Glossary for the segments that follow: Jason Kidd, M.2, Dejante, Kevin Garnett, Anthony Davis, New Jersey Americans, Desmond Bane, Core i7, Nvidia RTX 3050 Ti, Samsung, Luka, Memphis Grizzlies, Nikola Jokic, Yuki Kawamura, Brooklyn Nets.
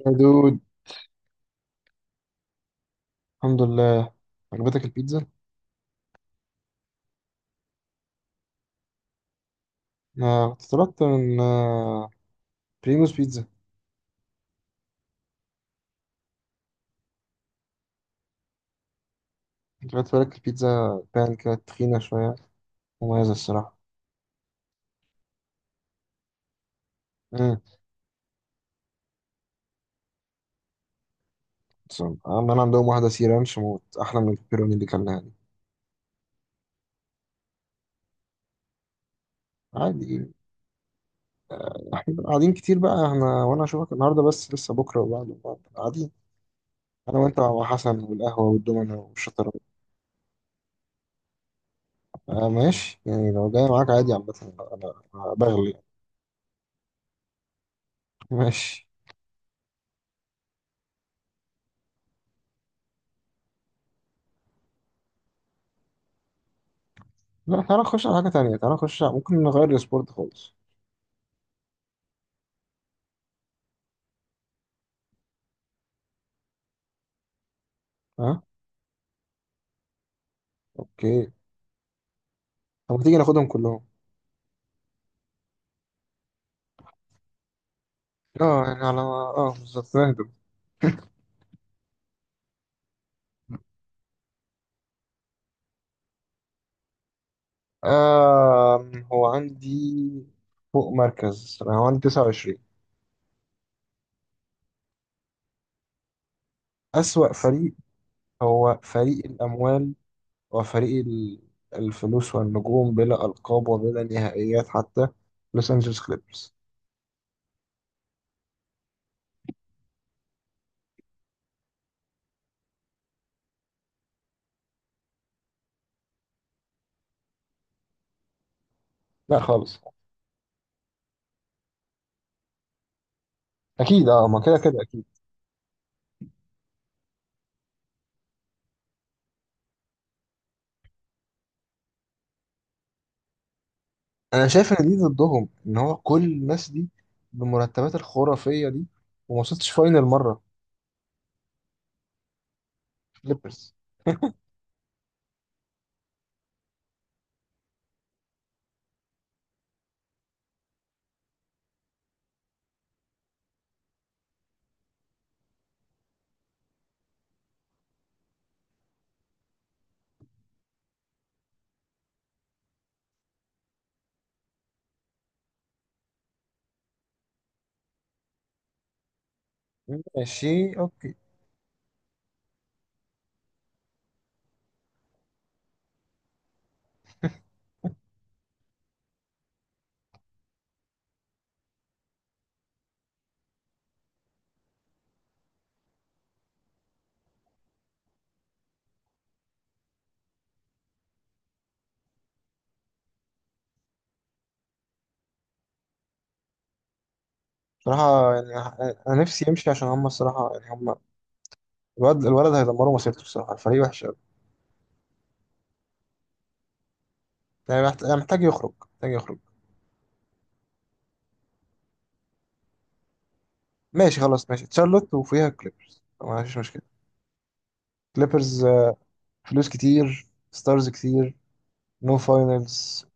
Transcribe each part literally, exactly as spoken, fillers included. يا دود، الحمد لله. عجبتك البيتزا؟ أنا كنت طلبت من آه، بريموس بيتزا. خدت بالك البيتزا بان كده تخينة شوية؟ مميزة الصراحة. امم عمال عندهم واحدة سي رانش موت أحلى من البيبروني اللي كلناها دي. عادي، احنا قاعدين كتير بقى، احنا وأنا أشوفك النهاردة بس لسه بكرة وبعد وبعد قاعدين، أنا وأنت وحسن والقهوة والدومينو والشطرنج. آه ماشي، يعني لو جاي معاك عادي، عامة أنا أنا بغلي. ماشي. لا تعالى نخش على حاجة تانية، تعالى نخش على... ممكن نغير السبورت خالص. ها، اوكي. طب ما تيجي ناخدهم كلهم؟ اه يعني على اه، بالظبط نهدم. آه هو عندي فوق مركز، انا هو عندي تسعة وعشرين. أسوأ فريق هو فريق الأموال، وفريق ال- الفلوس والنجوم بلا ألقاب وبلا نهائيات حتى، لوس أنجلوس كليبرز. لا خالص. أكيد، اه ما كده كده أكيد. أنا شايف إن دي ضدهم، إن هو كل الناس دي بالمرتبات الخرافية دي وما وصلتش فاينل مرة. كليبرز. ماشي اوكي. بصراحة يعني أنا نفسي يمشي، عشان هم الصراحة يعني هم، الولد الولد هيدمروا مسيرته الصراحة، الفريق وحش أوي. يعني محت- يعني محتاج يخرج، محتاج يخرج. ماشي خلاص، ماشي تشارلوت وفيها كليبرز ما فيش مشكلة. كليبرز آه، فلوس كتير، ستارز كتير، نو فاينلز.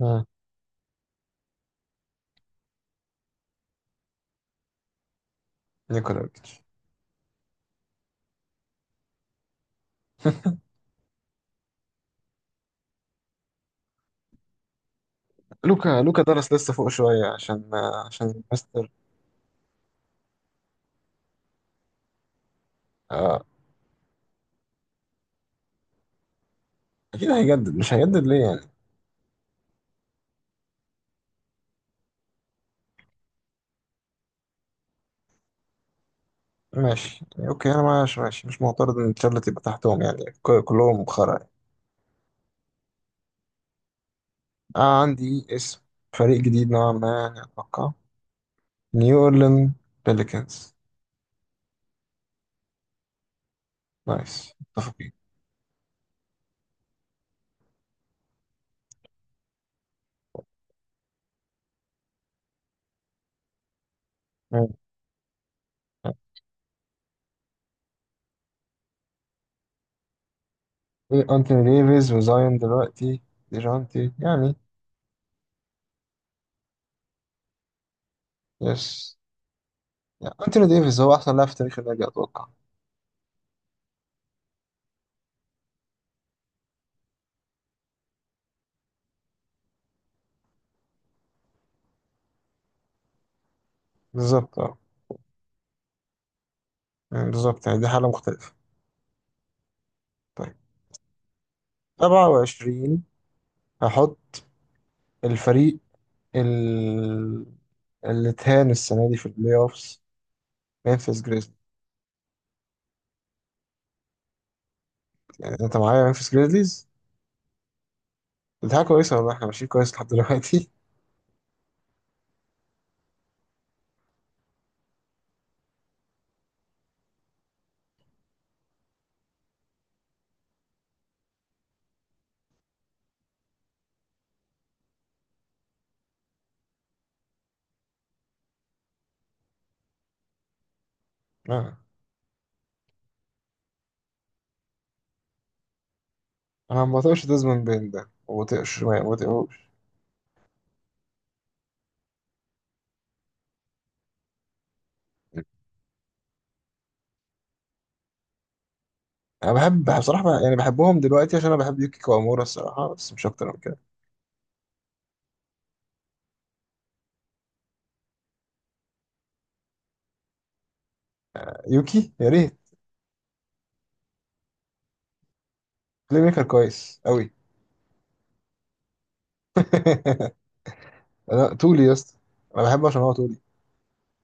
مم. نيكولا يوكيتش. لوكا لوكا درس لسه فوق شوية عشان آه، عشان مستر آه، أكيد هيجدد، مش هيجدد ليه يعني. ماشي يعني أوكي، أنا ماشي، ماشي مش معترض إن تشارلوت يبقى تحتهم، يعني ك- كلهم خرا. آه عندي اسم، فريق جديد نوعا ما يعني، أتوقع نيو أورلين بيليكنز. نايس، متفقين. مم. إيه أنتوني ديفيز وزايون دلوقتي، ديجانتي يعني. يس. يعني أنتوني ديفيز هو أحسن لاعب في تاريخ النادي أتوقع. بالظبط أه. مم، بالظبط يعني دي حالة مختلفة. طيب. سبعة وعشرين، هحط الفريق ال... اللي اتهان السنة دي في البلاي أوفس. ممفيس جريزليز. يعني أنت معايا ممفيس جريزليز؟ الدفاع كويسة والله، احنا ماشيين كويس لحد دلوقتي. آه. انا ما بطيقش ديزموند بين ده، ما بطيقش، ما ما بطيقوش. انا بحب بصراحه بقى- يعني بحبهم دلوقتي عشان انا بحب يوكي كوامورا الصراحه، بس مش اكتر من كده. يوكي يا ريت. بلاي ميكر كويس قوي. انا طولي يا اسطى، انا بحبه عشان هو طولي.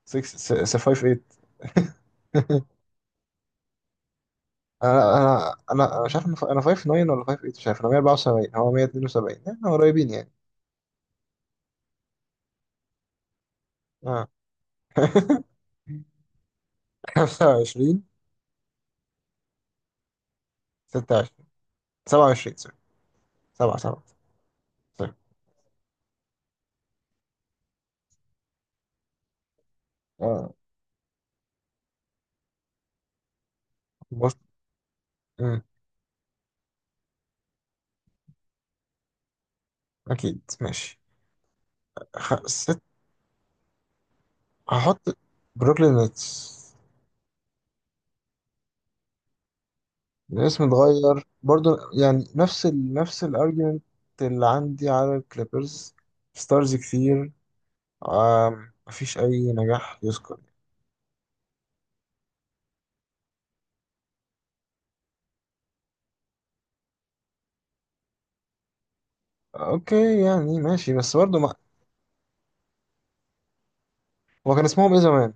ستة خمسة تمانية. انا انا انا أنا مش عارف انا، ف- أنا خمسة تسعة ولا خمسة تمنية مش عارف، انا مية واربعة وسبعين هو مية واتنين وسبعين، احنا قريبين يعني. اه. خمسة وعشرين سته وعشرين سبعه وعشرين سوري، سبعة سبعة سوري. اه بص، أكيد ماشي. خ... ست. هحط بروكلين نتس. الاسم اتغير برضو يعني، نفس ال... نفس الارجيومنت اللي عندي على الكليبرز، ستارز كتير، آم... مفيش أي نجاح يذكر. أوكي يعني ماشي، بس برضو ما... هو كان اسمهم إيه زمان؟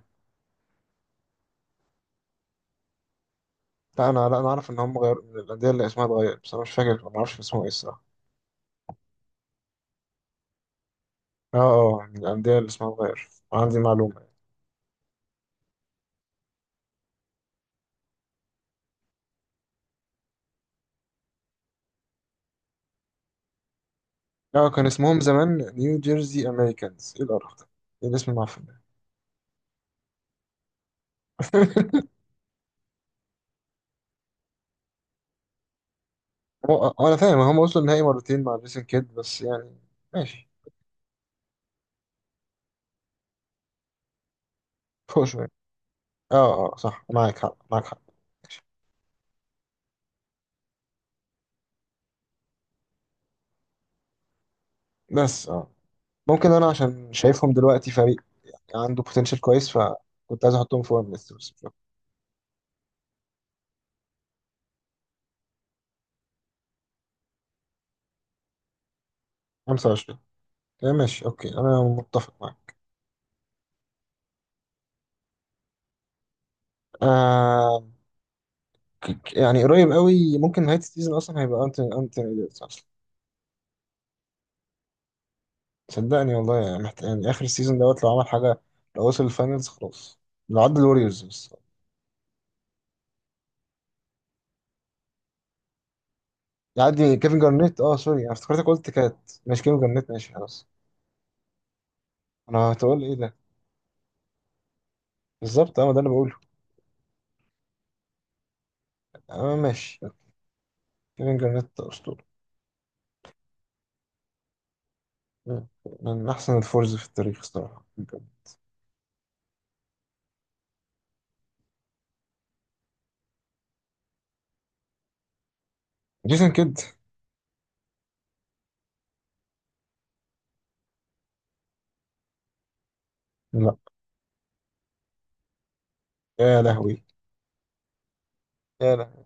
لا أنا، لا أنا أعرف إن هم غيروا، من الأندية اللي اسمها اتغير، بس أنا مش فاكر، ما أعرفش كان اسمهم إيه الصراحة. أه أه، من الأندية اللي اسمها اتغير عندي معلومة. أه كان اسمهم زمان نيو جيرسي أمريكانز، إيه القرف ده؟ إيه الاسم المعفن ده؟ هو آه، انا فاهم هم وصلوا النهائي مرتين مع جيسون كيد، بس يعني ماشي، فوق شويه. اه اه آه، صح، معاك حق، معاك حق. بس اه ممكن انا عشان شايفهم دلوقتي فريق عنده بوتنشال كويس، فكنت عايز احطهم فوق النست بس مش أكتر. خمسة وعشرين. آه، ماشي اوكي، انا متفق معاك. آه، ك- ك- يعني قريب قوي، ممكن نهايه السيزون اصلا هيبقى انتوني، انتوني إيديتس اصلا. صدقني والله يعني، محت... يعني اخر السيزون دوت لو عمل حاجه، لو وصل الفاينلز خلاص، لو عدى الوريوز بس. يعدي كيفن جارنيت، اه سوري انا افتكرتك قلت كات، ماشي كيفن جارنيت، ماشي خلاص. انا هتقول ايه ده، بالظبط اه، ما ده اللي بقوله. اه ماشي. كيفن جارنيت اسطوره. مم. من احسن الفورز في التاريخ الصراحه. جيسون كيد. لا. يا لهوي. يا لهوي.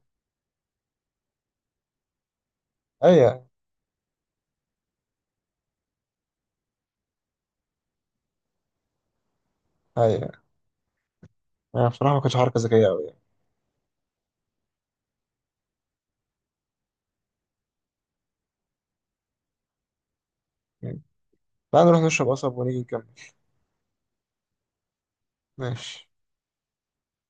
ايوه. ايوه. انا بصراحه ما كانتش حركه ذكيه قوي يعني. مم. تعال نروح نشرب قصب ونيجي نكمل. ماشي.